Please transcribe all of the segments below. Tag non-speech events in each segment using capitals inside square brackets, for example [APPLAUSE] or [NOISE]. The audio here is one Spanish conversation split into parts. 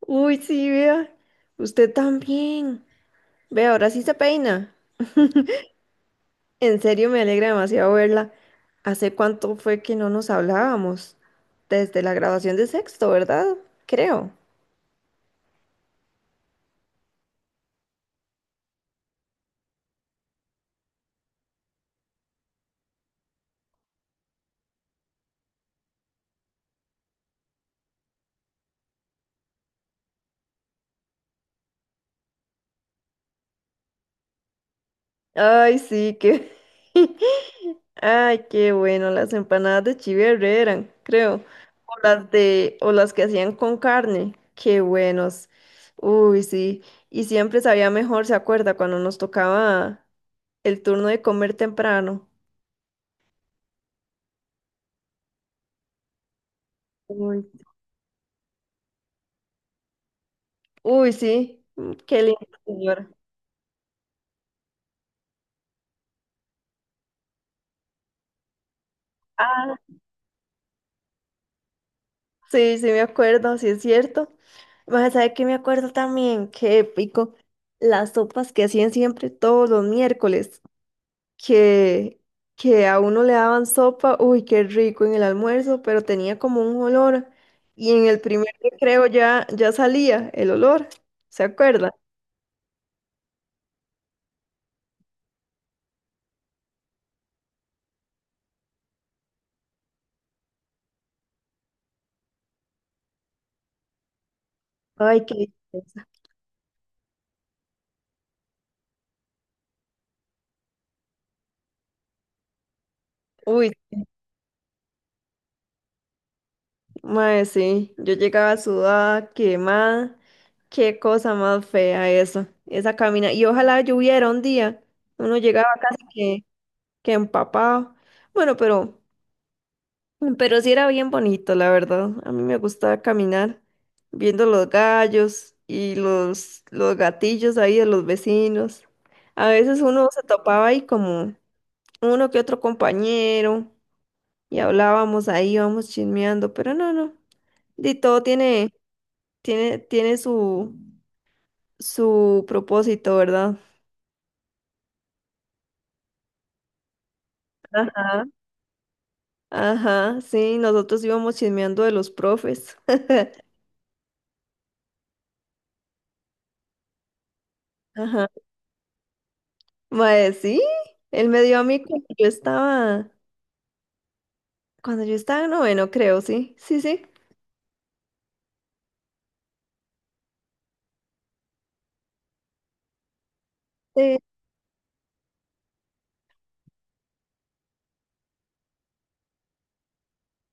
Uy, sí, vea. Usted también. Vea, ahora sí se peina. En serio, me alegra demasiado verla. ¿Hace cuánto fue que no nos hablábamos? Desde la graduación de sexto, ¿verdad? Creo. Ay, sí, qué... [LAUGHS] Ay, qué bueno. Las empanadas de Chiverre eran, creo. O las de... O las que hacían con carne. Qué buenos. Uy, sí. Y siempre sabía mejor, ¿se acuerda? Cuando nos tocaba el turno de comer temprano. Uy, uy, sí, mm, qué lindo, señor. Ah, sí, sí me acuerdo, sí es cierto. Vas a saber que me acuerdo también, qué épico, las sopas que hacían siempre todos los miércoles, que, que a uno le daban sopa, uy, qué rico en el almuerzo, pero tenía como un olor, y en el primer recreo ya, ya salía el olor, ¿se acuerda? Ay, qué... deliciosa. Uy, mae, sí, yo llegaba sudada, quemada. Qué cosa más fea eso, esa camina. Y ojalá lloviera un día. Uno llegaba casi que empapado. Bueno, pero sí era bien bonito, la verdad. A mí me gustaba caminar viendo los gallos y los gatillos ahí de los vecinos. A veces uno se topaba ahí como uno que otro compañero y hablábamos ahí, íbamos chismeando, pero no, no. Y todo tiene tiene, tiene su, su propósito, ¿verdad? Ajá. Ajá, sí, nosotros íbamos chismeando de los profes. Ajá. Mae, sí, él me dio a mí cuando yo estaba en noveno, creo, sí, sí, sí. Eh,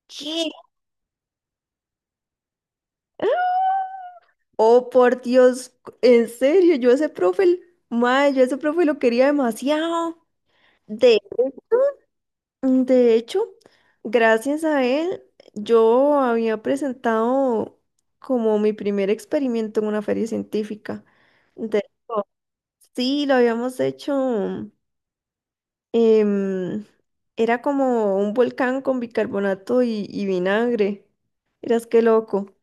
¿Qué? Oh, por Dios, en serio, mae, yo ese profe lo quería demasiado. Mm, de hecho, gracias a él, yo había presentado como mi primer experimento en una feria científica. De- sí, lo habíamos hecho. em, Era como un volcán con bicarbonato y vinagre. Eras qué loco.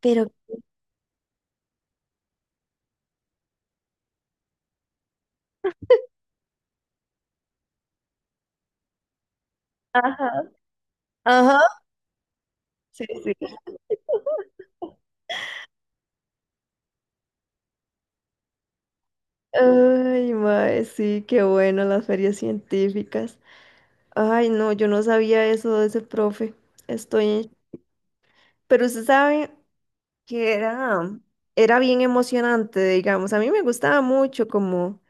Pero, ajá, ajá. Sí, sí. Ay, mae, sí, qué bueno las ferias científicas. Ay, no, yo no sabía eso de ese profe. Estoy. Pero usted sabe. que era, Era bien emocionante, digamos. A mí me gustaba mucho como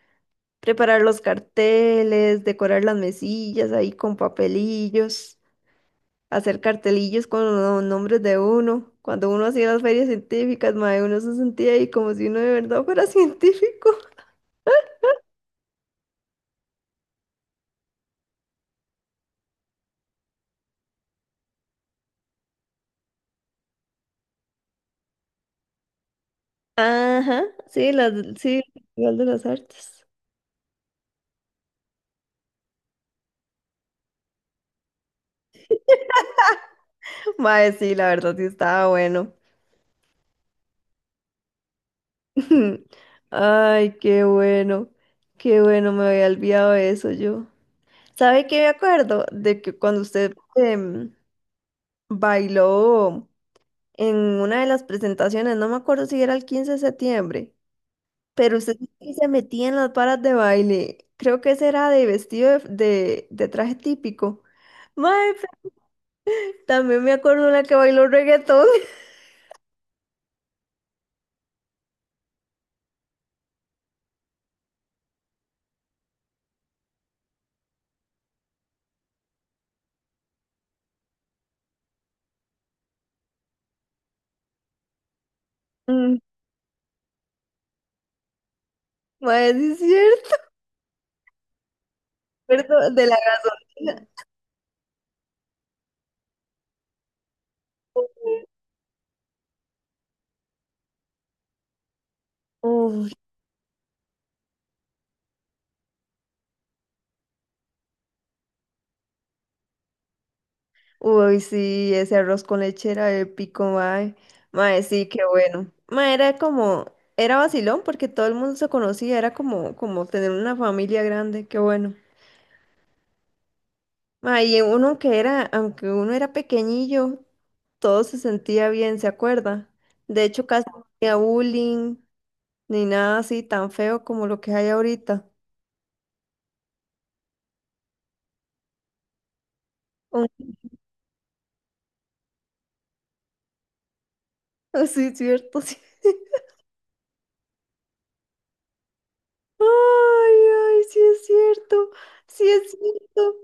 preparar los carteles, decorar las mesillas ahí con papelillos, hacer cartelillos con los nombres de uno. Cuando uno hacía las ferias científicas, mae, uno se sentía ahí como si uno de verdad fuera [LAUGHS] científico. Ajá, sí, las, sí, el Festival de las Artes. [LAUGHS] Mae, sí, la verdad sí estaba bueno. [LAUGHS] Ay, qué bueno, me había olvidado de eso yo. ¿Sabe qué me acuerdo? De que cuando usted bailó en una de las presentaciones, no me acuerdo si era el 15 de septiembre, pero usted dijo que se metía en las varas de baile. Creo que ese era de vestido de traje típico. Mae, pero también me acuerdo una que bailó reggaetón. [LAUGHS] Mm, mae, sí es cierto. Me acuerdo de la gasolina. Uf, uy, sí, ese arroz con leche era épico, mae. Mae, sí, qué bueno. Era vacilón porque todo el mundo se conocía, era como, como tener una familia grande, qué bueno. Mae, y uno que era, Aunque uno era pequeñillo, todo se sentía bien, ¿se acuerda? De hecho, casi no había bullying, ni nada así tan feo como lo que hay ahorita. Un- [LAUGHS] Sí, es cierto, sí. Ay, ay, sí es cierto, sí es cierto.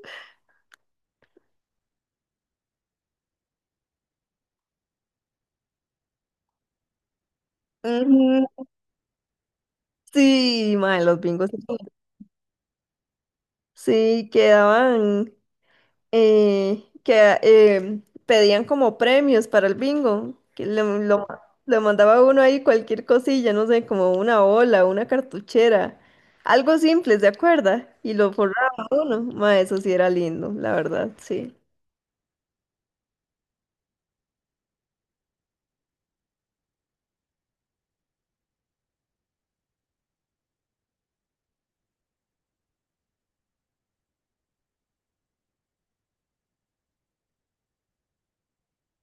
Ujú, sí, mae, los bingos. Sí, quedaban, que pedían como premios para el bingo, le mandaba uno ahí cualquier cosilla, no sé, como una ola, una cartuchera, algo simple, ¿se acuerda? Y lo forraba uno, mae, eso sí era lindo, la verdad, sí.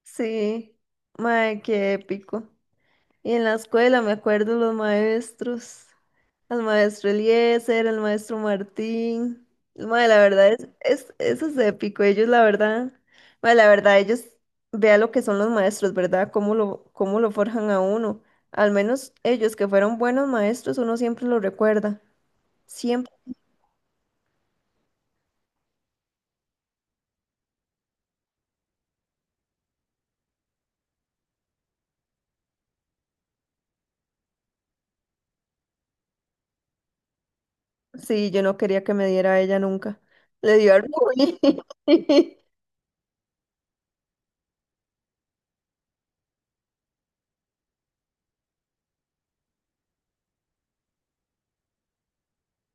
Sí, mae, qué épico. Y en la escuela me acuerdo los maestros. Al maestro Eliezer, al maestro Martín. Mae, la verdad, eso es épico. Ellos, la verdad, mae, la verdad, ellos vea lo que son los maestros, ¿verdad? Cómo lo forjan a uno. Al menos ellos que fueron buenos maestros, uno siempre lo recuerda. Siempre. Sí, yo no quería que me diera a ella nunca. Le dio orgullo. [LAUGHS]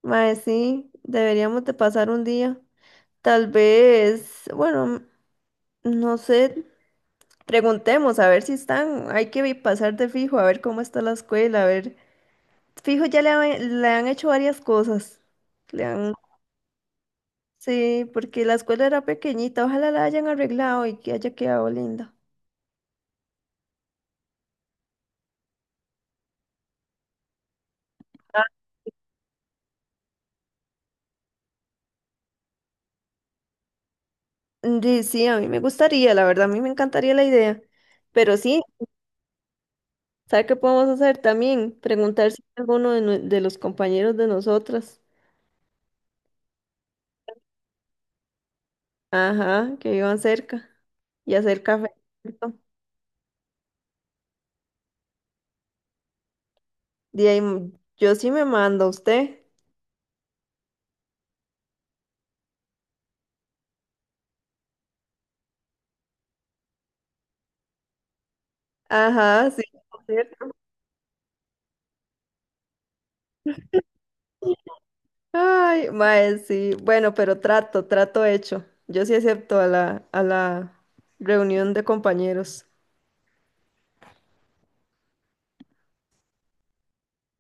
Mae, sí, deberíamos de pasar un día. Tal vez, bueno, no sé. Preguntemos a ver si están. Hay que pasar de fijo, a ver cómo está la escuela, a ver. Fijo, le han hecho varias cosas. Le han... Sí, porque la escuela era pequeñita. Ojalá la hayan arreglado y que haya quedado linda. Sí, sí, a mí me gustaría, la verdad, a mí me encantaría la idea. Pero sí, ¿sabe qué podemos hacer también? Preguntar si hay alguno de, de los compañeros de nosotras, ajá, que vivan cerca y hacer café. ¿Cierto? De ahí, mm, yo sí me mando a usted. Ajá, sí, ¿cierto? Ay, mae, sí. Bueno, pero trato hecho. Yo sí acepto a a la reunión de compañeros.